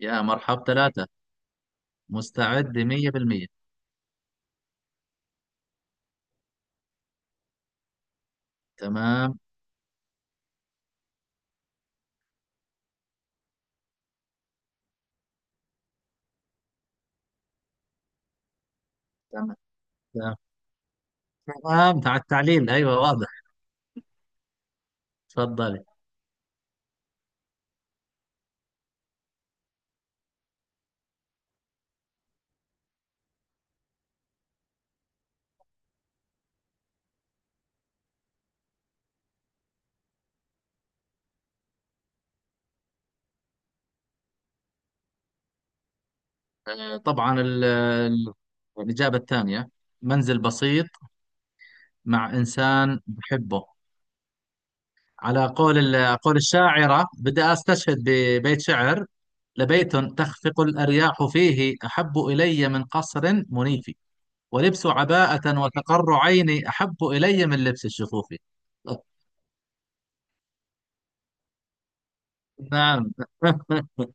يا مرحب ثلاثة. مستعد 100%. تمام، تمام، تمام، تمام. مع التعليل، أيوة واضح. تفضلي. طبعا، الإجابة الثانية، منزل بسيط مع إنسان بحبه. على قول الشاعرة بدي أستشهد ببيت شعر: لبيت تخفق الأرياح فيه أحب إلي من قصر منيف، ولبس عباءة وتقر عيني أحب إلي من لبس الشفوف. نعم.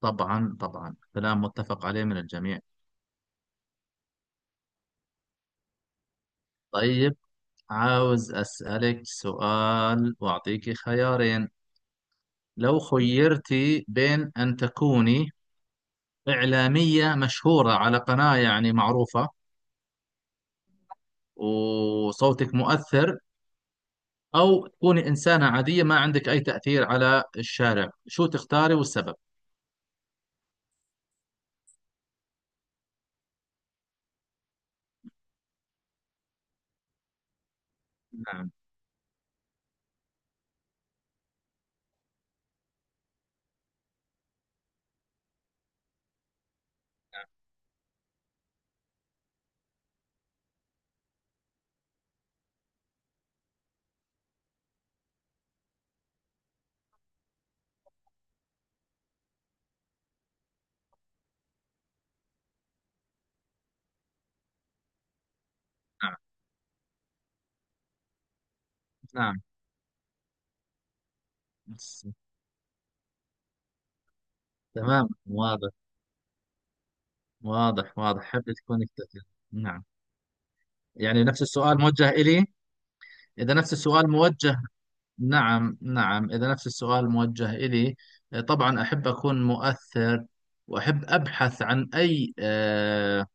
طبعا طبعا، كلام متفق عليه من الجميع. طيب، عاوز أسألك سؤال وأعطيك خيارين. لو خيرتي بين أن تكوني إعلامية مشهورة على قناة يعني معروفة وصوتك مؤثر، أو تكوني إنسانة عادية ما عندك أي تأثير على الشارع، شو تختاري والسبب؟ نعم، نعم، نعم. بس- تمام، واضح. واضح، واضح، حابة تكوني كتير. نعم. يعني نفس السؤال موجه إلي؟ إذا نفس السؤال موجه نعم نعم، إذا نفس السؤال موجه إلي، طبعا أحب أكون مؤثر، وأحب أبحث عن أي آه،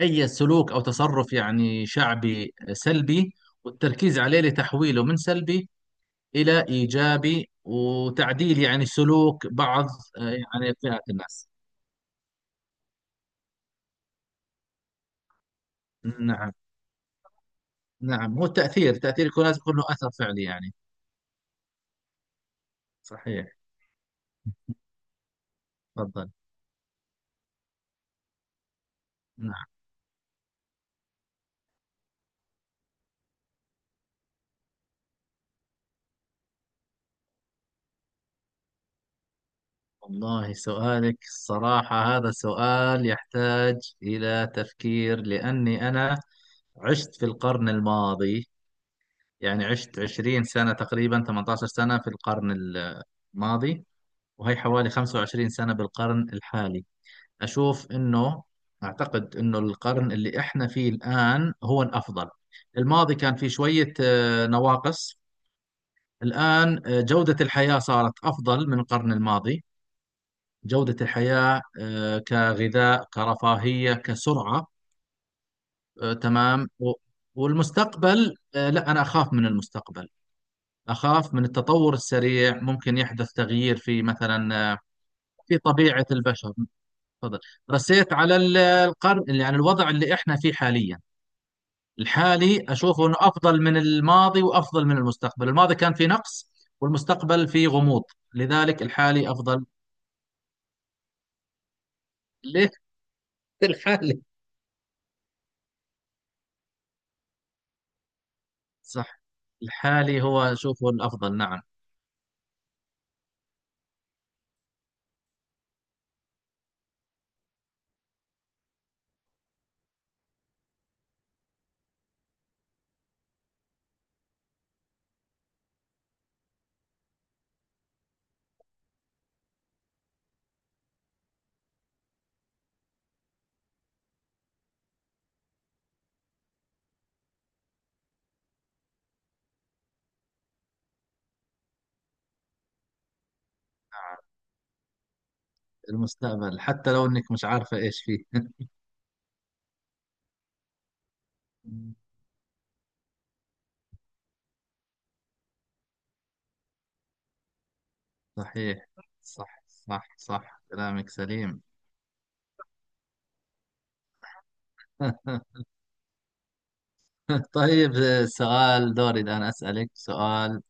أي سلوك أو تصرف يعني شعبي سلبي، والتركيز عليه لتحويله من سلبي إلى إيجابي، وتعديل يعني سلوك بعض يعني فئات الناس. نعم، نعم. هو التأثير، يكون لازم يكون له أثر فعلي يعني. صحيح. تفضل. نعم. والله سؤالك الصراحة هذا سؤال يحتاج إلى تفكير، لأني أنا عشت في القرن الماضي. يعني عشت 20 سنة تقريبا، 18 سنة في القرن الماضي، وهي حوالي 25 سنة بالقرن الحالي. أشوف أنه، أعتقد أنه القرن اللي إحنا فيه الآن هو الأفضل. الماضي كان فيه شوية نواقص. الآن جودة الحياة صارت أفضل من القرن الماضي. جودة الحياة كغذاء، كرفاهية، كسرعة، تمام. والمستقبل، لا، أنا أخاف من المستقبل. أخاف من التطور السريع، ممكن يحدث تغيير في مثلا في طبيعة البشر. تفضل. رسيت على القرن، يعني الوضع اللي إحنا فيه حاليا. الحالي أشوفه أنه أفضل من الماضي وأفضل من المستقبل. الماضي كان فيه نقص، والمستقبل فيه غموض، لذلك الحالي أفضل. ليه؟ الحالي. صح. الحالي هو شوفه الأفضل. نعم، نعم. المستقبل حتى لو إنك مش عارفة إيش فيه. صحيح. صح صح صح، كلامك سليم. طيب، سؤال دوري، الآن أسألك سؤال.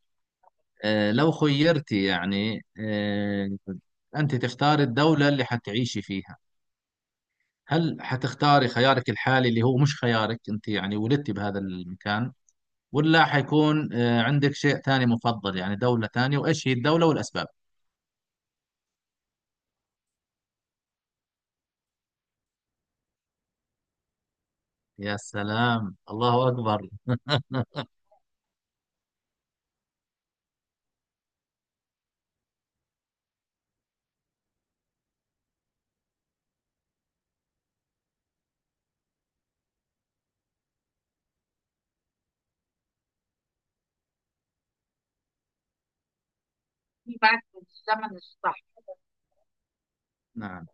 لو خيرتي يعني أنت تختاري الدولة اللي حتعيشي فيها، هل حتختاري خيارك الحالي اللي هو مش خيارك أنت، يعني ولدتي بهذا المكان، ولا حيكون عندك شيء ثاني مفضل، يعني دولة ثانية، وإيش هي الدولة والأسباب؟ يا سلام، الله أكبر. دي بقى كانت الزمن الصح. نعم،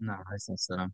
نعم، عليه الصلاة والسلام.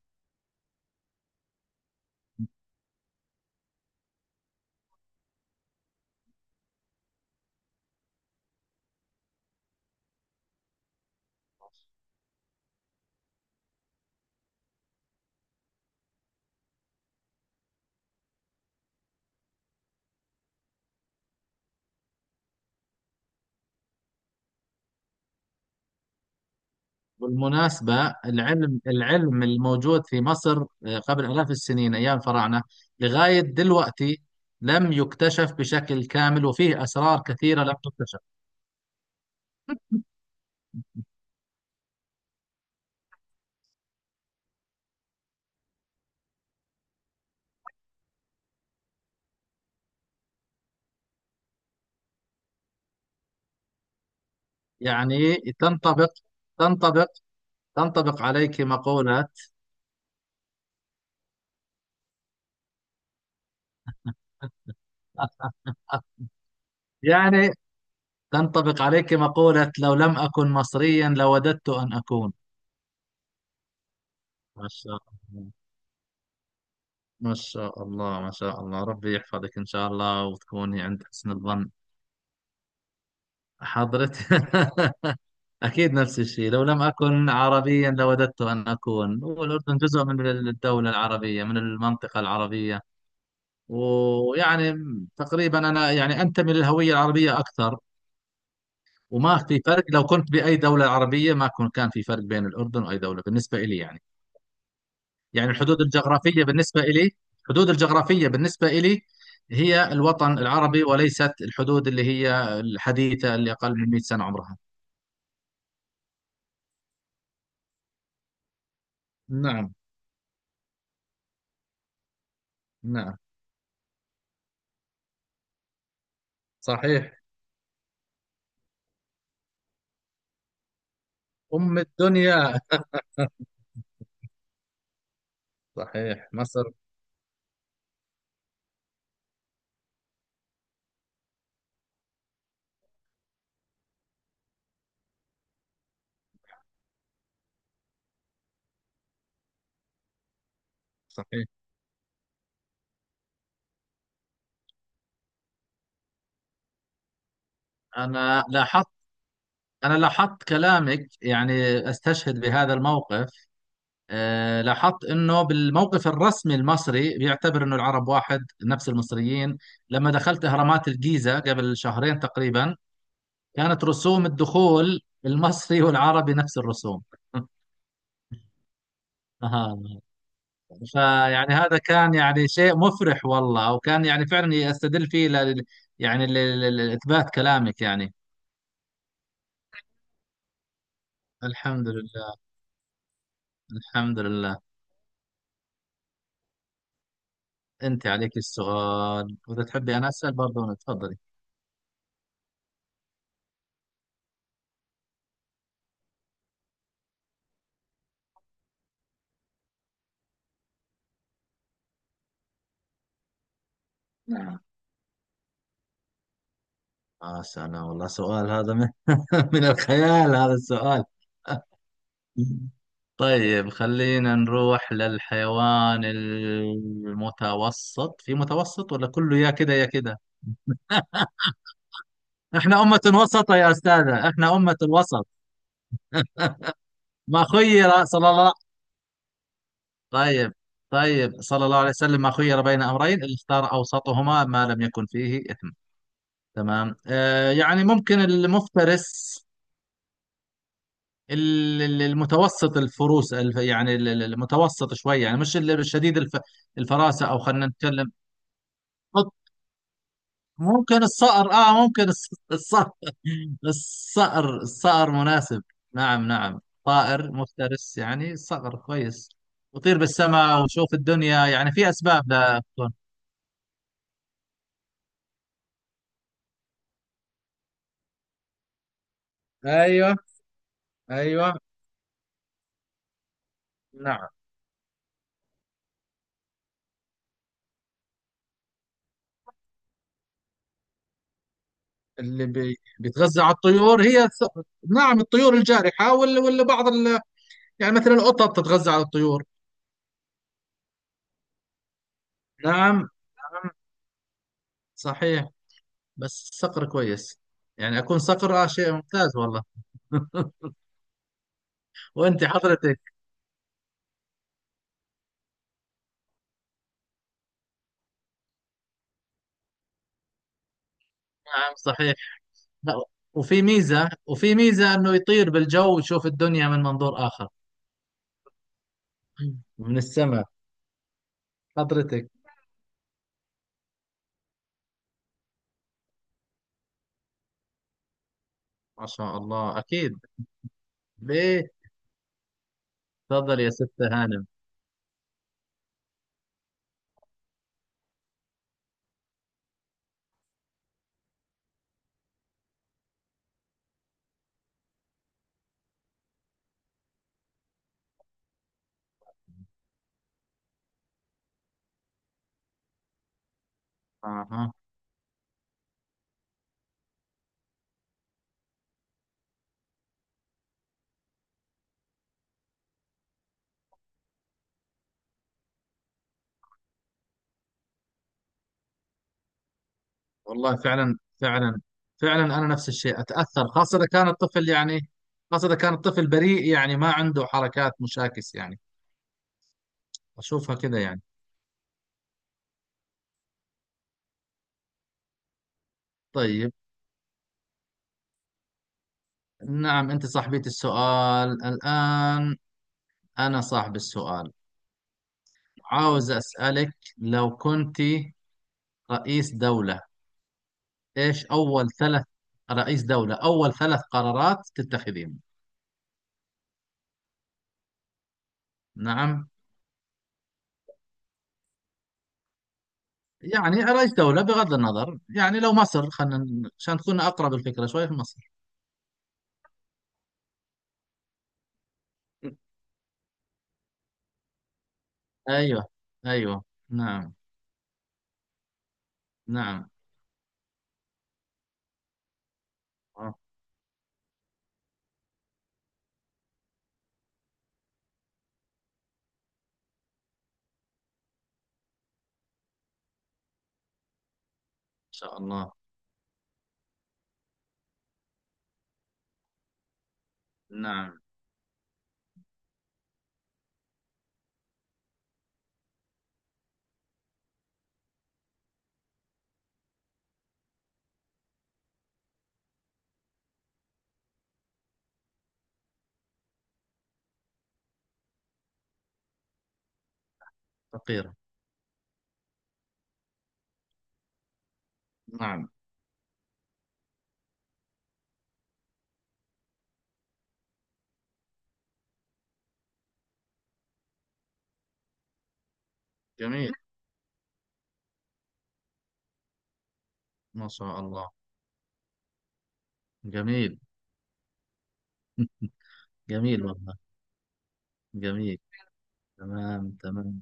بالمناسبة، العلم، العلم الموجود في مصر قبل آلاف السنين أيام الفراعنة لغاية دلوقتي لم يكتشف بشكل كامل، وفيه أسرار كثيرة لم تكتشف. يعني تنطبق تنطبق تنطبق عليك مقولة يعني تنطبق عليك مقولة: لو لم أكن مصريا لوددت أن أكون. ما شاء الله، ما شاء الله، ما شاء الله، ربي يحفظك إن شاء الله وتكوني عند حسن الظن. حضرت. أكيد نفس الشيء، لو لم أكن عربيا لوددت أن أكون. والأردن جزء من الدولة العربية، من المنطقة العربية. ويعني تقريبا أنا يعني أنتمي للهوية العربية أكثر، وما في فرق لو كنت بأي دولة عربية. ما كن- كان في فرق بين الأردن وأي دولة بالنسبة إلي يعني. يعني الحدود الجغرافية بالنسبة إلي هي الوطن العربي، وليست الحدود اللي هي الحديثة اللي أقل من 100 سنة عمرها. نعم، نعم. صحيح. أم الدنيا. صحيح، مصر. صحيح. أنا لاحظت أنا لاحظت كلامك يعني، أستشهد بهذا الموقف. أه، لاحظت أنه بالموقف الرسمي المصري بيعتبر أنه العرب واحد نفس المصريين. لما دخلت أهرامات الجيزة قبل شهرين تقريبا، كانت رسوم الدخول المصري والعربي نفس الرسوم. أها. فيعني هذا كان يعني شيء مفرح والله، وكان يعني فعلا استدل فيه يعني لإثبات كلامك يعني. الحمد لله. الحمد لله. أنت عليك السؤال، وإذا تحبي أنا أسأل برضه. أنا؟ تفضلي. نعم. آه سلام، والله سؤال هذا من الخيال هذا السؤال. طيب، خلينا نروح للحيوان المتوسط، في متوسط، ولا كله يا كده يا كده؟ احنا أمة وسطة يا أستاذة، احنا أمة وسط. ما خير صلى الله طيب، طيب، صلى الله عليه وسلم ما خير بين أمرين اللي اختار أوسطهما ما لم يكن فيه إثم. تمام. آه يعني ممكن المفترس، المتوسط، الفروس، يعني المتوسط شوي، يعني مش الشديد، الفراسة، أو خلينا نتكلم. ممكن الصقر، ممكن الصقر. الصقر، الصقر مناسب. نعم، نعم، طائر مفترس يعني، صقر كويس. وطير بالسماء وشوف الدنيا، يعني في اسباب لا تكون. ايوه، ايوه. نعم. بيتغذى على الطيور هي نعم، الطيور الجارحة، ولا بعض يعني مثلا القطط تتغذى على الطيور. نعم، نعم، صحيح. بس صقر كويس، يعني اكون صقر آه شيء ممتاز والله. وانت حضرتك؟ نعم. صحيح. لا، وفي ميزة، انه يطير بالجو ويشوف الدنيا من منظور اخر، من السماء. حضرتك؟ ما شاء الله، اكيد. ليه؟ تفضل يا ستة هانم. اها. والله فعلا، فعلا، فعلا، انا نفس الشيء اتاثر، خاصة اذا كان الطفل يعني، خاصة اذا كان الطفل بريء، يعني ما عنده حركات مشاكس يعني، اشوفها كذا يعني. طيب. نعم، انت صاحبية السؤال الان، انا صاحب السؤال. عاوز اسالك، لو كنت رئيس دولة إيش أول ثلاث أول ثلاث قرارات تتخذين؟ نعم. يعني رئيس دولة بغض النظر، يعني لو مصر خلينا عشان تكون أقرب الفكرة شوي، في مصر. أيوه، أيوه. نعم، نعم. إن شاء الله. نعم. فقيرة. نعم. جميل. ما شاء الله. جميل. جميل والله. جميل. تمام، تمام.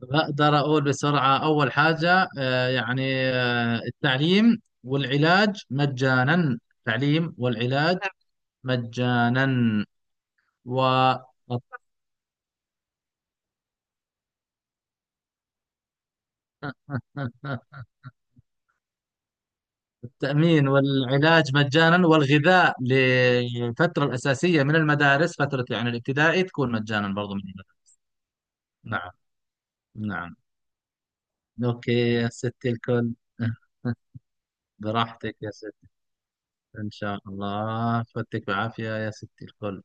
بقدر أقول بسرعة. أول حاجة التعليم والعلاج مجانا. تعليم والعلاج مجانا. و التأمين والعلاج مجانا، والغذاء للفترة الأساسية من المدارس، فترة يعني الابتدائي تكون مجانا برضو من المدارس. نعم، نعم. أوكي. يا ستي الكل. براحتك يا ستي. إن شاء الله فتك بعافية يا ستي الكل.